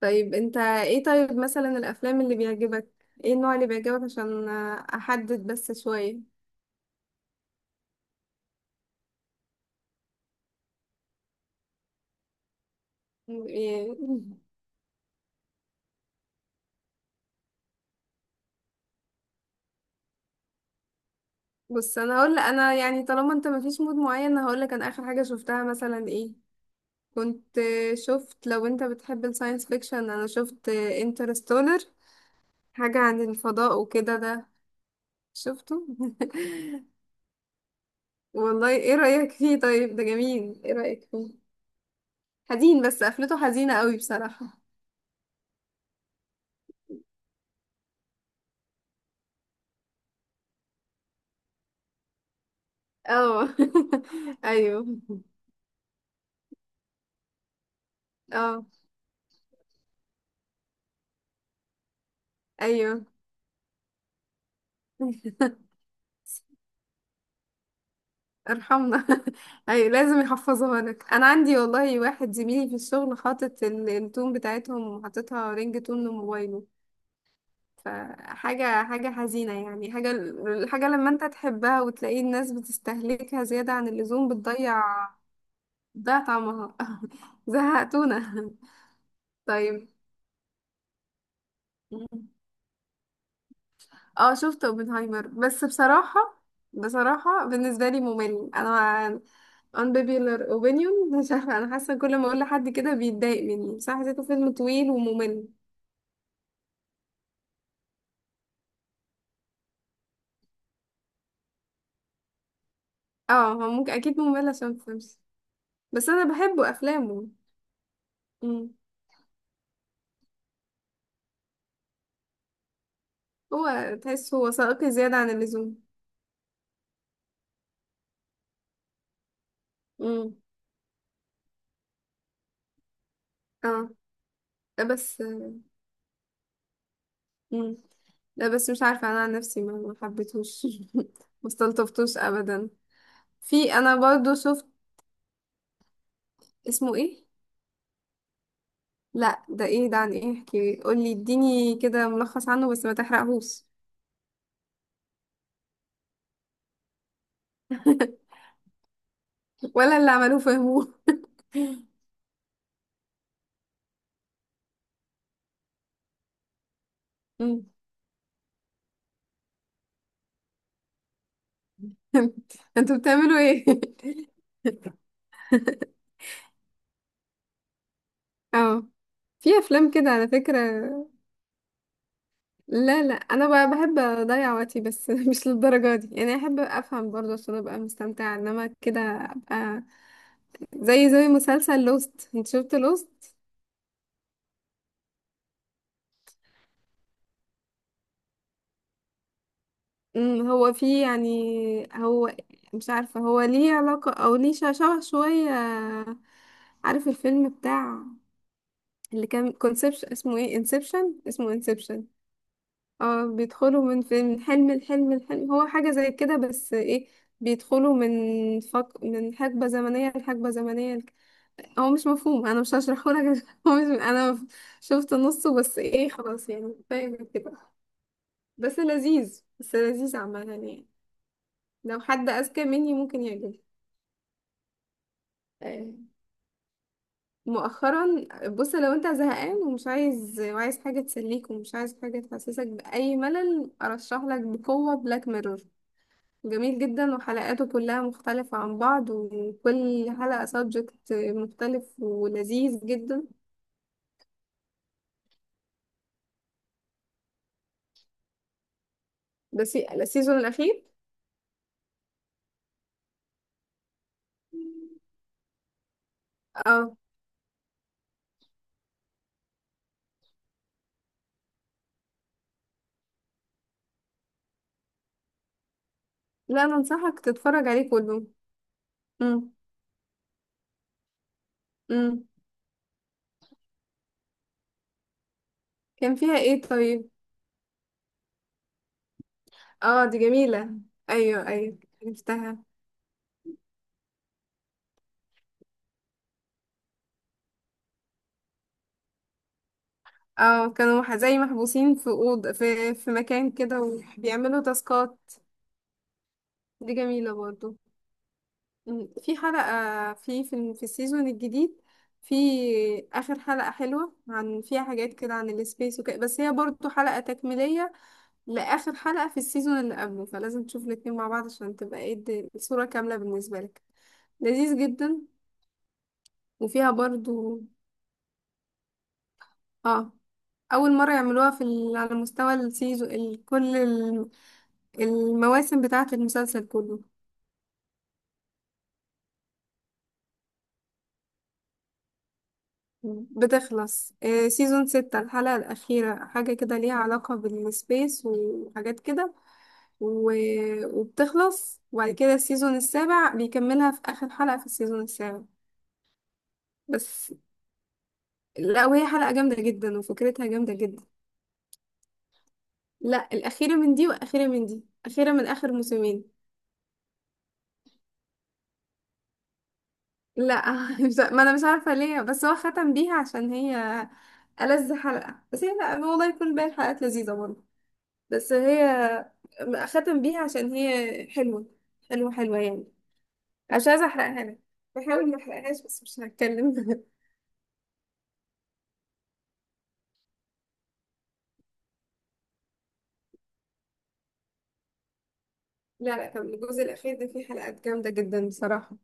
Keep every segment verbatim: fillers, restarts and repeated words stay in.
طيب انت ايه؟ طيب مثلا الافلام اللي بيعجبك، ايه النوع اللي بيعجبك عشان احدد بس شوية. إيه. بص، انا هقول، انا يعني طالما انت مفيش مود معين، هقول لك انا اخر حاجة شفتها مثلا ايه. كنت شفت، لو انت بتحب الساينس فيكشن انا شفت انترستولر، حاجة عن الفضاء وكده. ده شفته. والله ايه رأيك فيه؟ طيب ده جميل، ايه رأيك فيه؟ حزين، بس قفلته حزينة قوي بصراحة. اه. ايوه. اه. ايوه. ارحمنا. ايوه، لازم يحفظوها لك. انا عندي والله واحد زميلي في الشغل حاطط ال- التون بتاعتهم وحاططها رينج تون لموبايله. فحاجة حاجة حزينة، يعني حاجة، الحاجة لما انت تحبها وتلاقي الناس بتستهلكها زيادة عن اللزوم بتضيع. بتضيع طعمها. زهقتونا. طيب. اه، شفت اوبنهايمر، بس بصراحة، بصراحة بالنسبة لي ممل. انا unpopular opinion مش عارفة، أنا حاسة كل ما أقول لحد كده بيتضايق مني، بس أنا حسيته فيلم طويل وممل. اه، هو ممكن، أكيد ممل عشان فيلمز. بس أنا بحبه أفلامه. مم. هو تحس هو وثائقي زيادة عن اللزوم. مم. اه. لا بس. مم. لا بس مش عارفة، أنا عن نفسي ما ما حبيتهوش. ما استلطفتوش أبدا. في، أنا برضو شفت. اسمه ايه؟ لا ده ايه ده؟ عن ايه؟ احكي، قولي، اديني كده ملخص عنه بس ما تحرقهوش. ولا اللي عملوه فهموه. انتوا بتعملوا ايه؟ اه، في افلام كده على فكرة. لا لا، انا بقى بحب اضيع وقتي، بس مش للدرجة دي يعني. احب افهم برضه عشان ابقى مستمتعة، انما كده ابقى زي زي مسلسل لوست. انت شفت لوست؟ امم، هو في يعني، هو مش عارفة، هو ليه علاقة او ليه ش- شبه شوية. عارف الفيلم بتاع اللي كان كونسبشن اسمه ايه، انسبشن، اسمه انسبشن. اه، بيدخلوا من في من حلم لحلم لحلم. هو حاجة زي كده بس ايه، بيدخلوا من فق... من حقبة زمنية لحقبة زمنية لك- هو مش مفهوم، انا مش هشرحه لك. هو مش انا شفت نصه بس. ايه، خلاص يعني، فاهم كده. بس لذيذ، بس لذيذ عامة يعني. لو حد أذكى مني ممكن يعجبه. آه، مؤخرا، بص، لو انت زهقان ومش عايز، وعايز حاجة تسليك ومش عايز حاجة تحسسك بأي ملل، أرشح لك بقوة بلاك ميرور. جميل جدا، وحلقاته كلها مختلفة عن بعض، وكل حلقة سبجكت مختلف ولذيذ جدا. ده سي... السيزون الأخير. اه. لا أنا أنصحك تتفرج عليه كله. مم. مم. كان فيها ايه طيب؟ اه دي جميلة. أيوه أيوه، عرفتها. اه كانوا مح- زي محبوسين في أوضة، في, في مكان كده وبيعملوا تاسكات. دي جميلة برضو. مم. في حلقة، في في في السيزون الجديد، في آخر حلقة حلوة، عن، فيها حاجات كده عن السبيس وكده، بس هي برضو حلقة تكميلية لآخر حلقة في السيزون اللي قبله، فلازم تشوف الاتنين مع بعض عشان تبقى ايه الد- الصورة كاملة بالنسبة لك. لذيذ جدا. وفيها برضو، اه، أول مرة يعملوها في ال... على مستوى السيزون ال... كل ال- المواسم بتاعة المسلسل كله. بتخلص آه، سيزون ستة الحلقة الأخيرة حاجة كده ليها علاقة بالسبيس وحاجات كده، و... وبتخلص، وبعد كده السيزون السابع بيكملها في آخر حلقة في السيزون السابع. بس. لا، وهي حلقة جامدة جدا وفكرتها جامدة جدا. لا، الأخيرة من دي وأخيرة من دي، أخيرة من آخر موسمين. لا مش- ما أنا مش عارفة ليه، بس هو ختم بيها عشان هي ألذ حلقة. بس هي، لا والله يكون باقي الحلقات لذيذة برضه، بس هي ختم بيها عشان هي حلوة. حلوة حلوة يعني. مش عايزة احرقها لك. بحاول ما احرقهاش بس مش هتكلم. لا لا، كان الجزء الأخير ده فيه حلقات جامدة جدا بصراحة.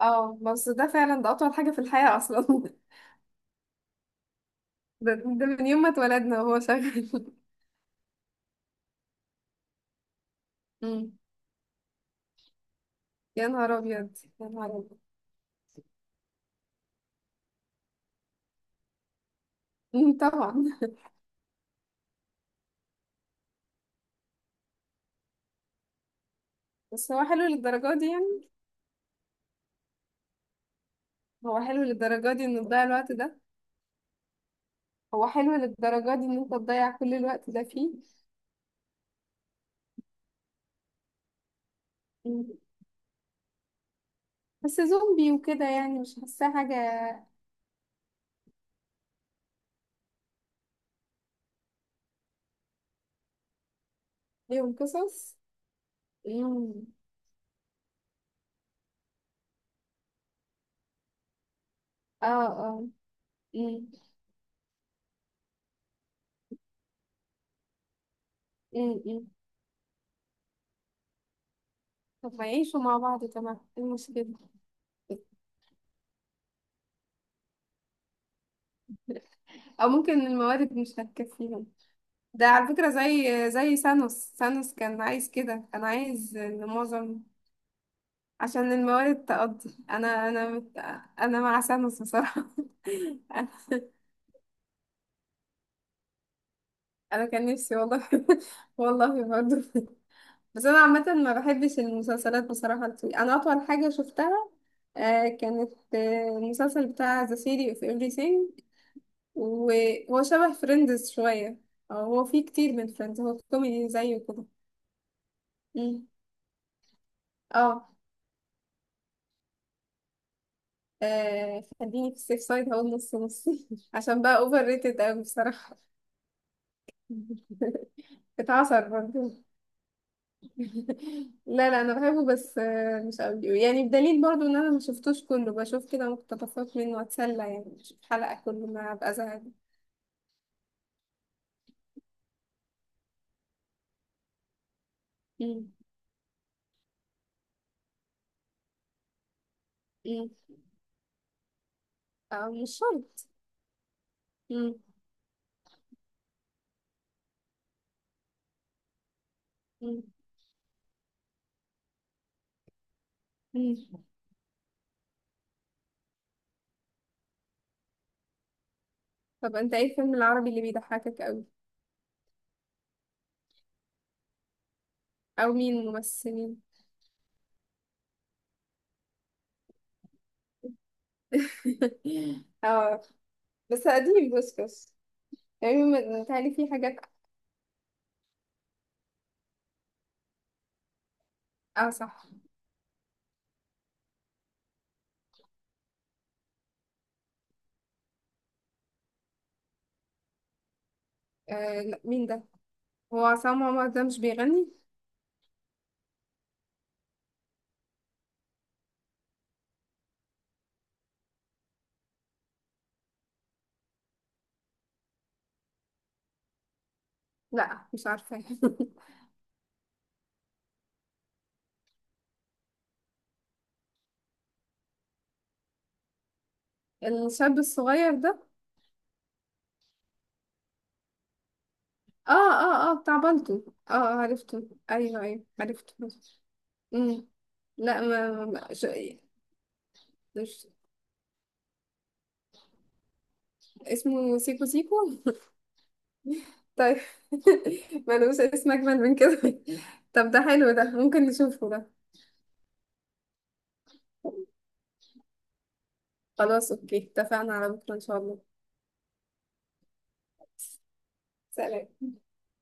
اه، بس ده فعلا ده أطول حاجة في الحياة أصلا. ده, ده من يوم ما اتولدنا وهو شغال. أمم. يا نهار أبيض، يا نهار أبيض. أمم، طبعا. بس هو حلو للدرجة دي يعني؟ هو حلو للدرجة دي إن تضيع الوقت ده؟ هو حلو للدرجة دي إن أنت تضيع كل الوقت ده فيه؟ بس زومبي وكده يعني، مش حاساه حاجة. ليهم قصص. مم. اه. اه. مم. مم. مم. طب ما يعيشوا مع بعض تمام، ايه المشكلة؟ او ممكن الموارد مش هتكفيهم. ده على فكرة زي زي سانوس. سانوس كان عايز كده، كان عايز ان معظم، عشان الموارد تقضي. انا انا مت... انا مع سانوس بصراحة. انا كان نفسي والله. والله برضه. بس انا عامه ما بحبش المسلسلات بصراحه الطويله. انا اطول حاجه شفتها آه، كانت آه، المسلسل بتاع The Theory of Everything، وهو شبه فريندز شويه. أو هو فيه كتير من فريندز، هو كوميدي زيه كده. مم. اه. آه، خليني في السيف سايد، هقول نص نص عشان بقى اوفر ريتد قوي بصراحه. اتعصر برضه. لا لا، انا بحبه بس آه، مش قوي يعني، بدليل برضو ان انا ما شفتوش كله، بشوف كده مقتطفات منه اتسلى يعني، مش حلقة كل ما ابقى زهقانة. مم. مم. آه، مش شرط. مم. مم. مم. طب انت ايه الفيلم العربي اللي بيضحكك قوي؟ او مين الممثلين؟ اه، بس قديم بوسكس. يعني م- متهيألي في حاجات. اه صح. آه لا، مين ده؟ هو عصام عمر ده مش بيغني؟ لا مش عارفة. الشاب الصغير ده. اه اه اه، بتاع بالطو. اه آه، عرفته، ايوه ايوه، عرفته. امم. لا ما, ما ش... مش... اسمه سيكو سيكو؟ طيب. ملوش اسم اجمل من كده. طب ده حلو ده، ممكن نشوفه ده. خلاص اوكي، اتفقنا على بكره ان شاء الله. سلام.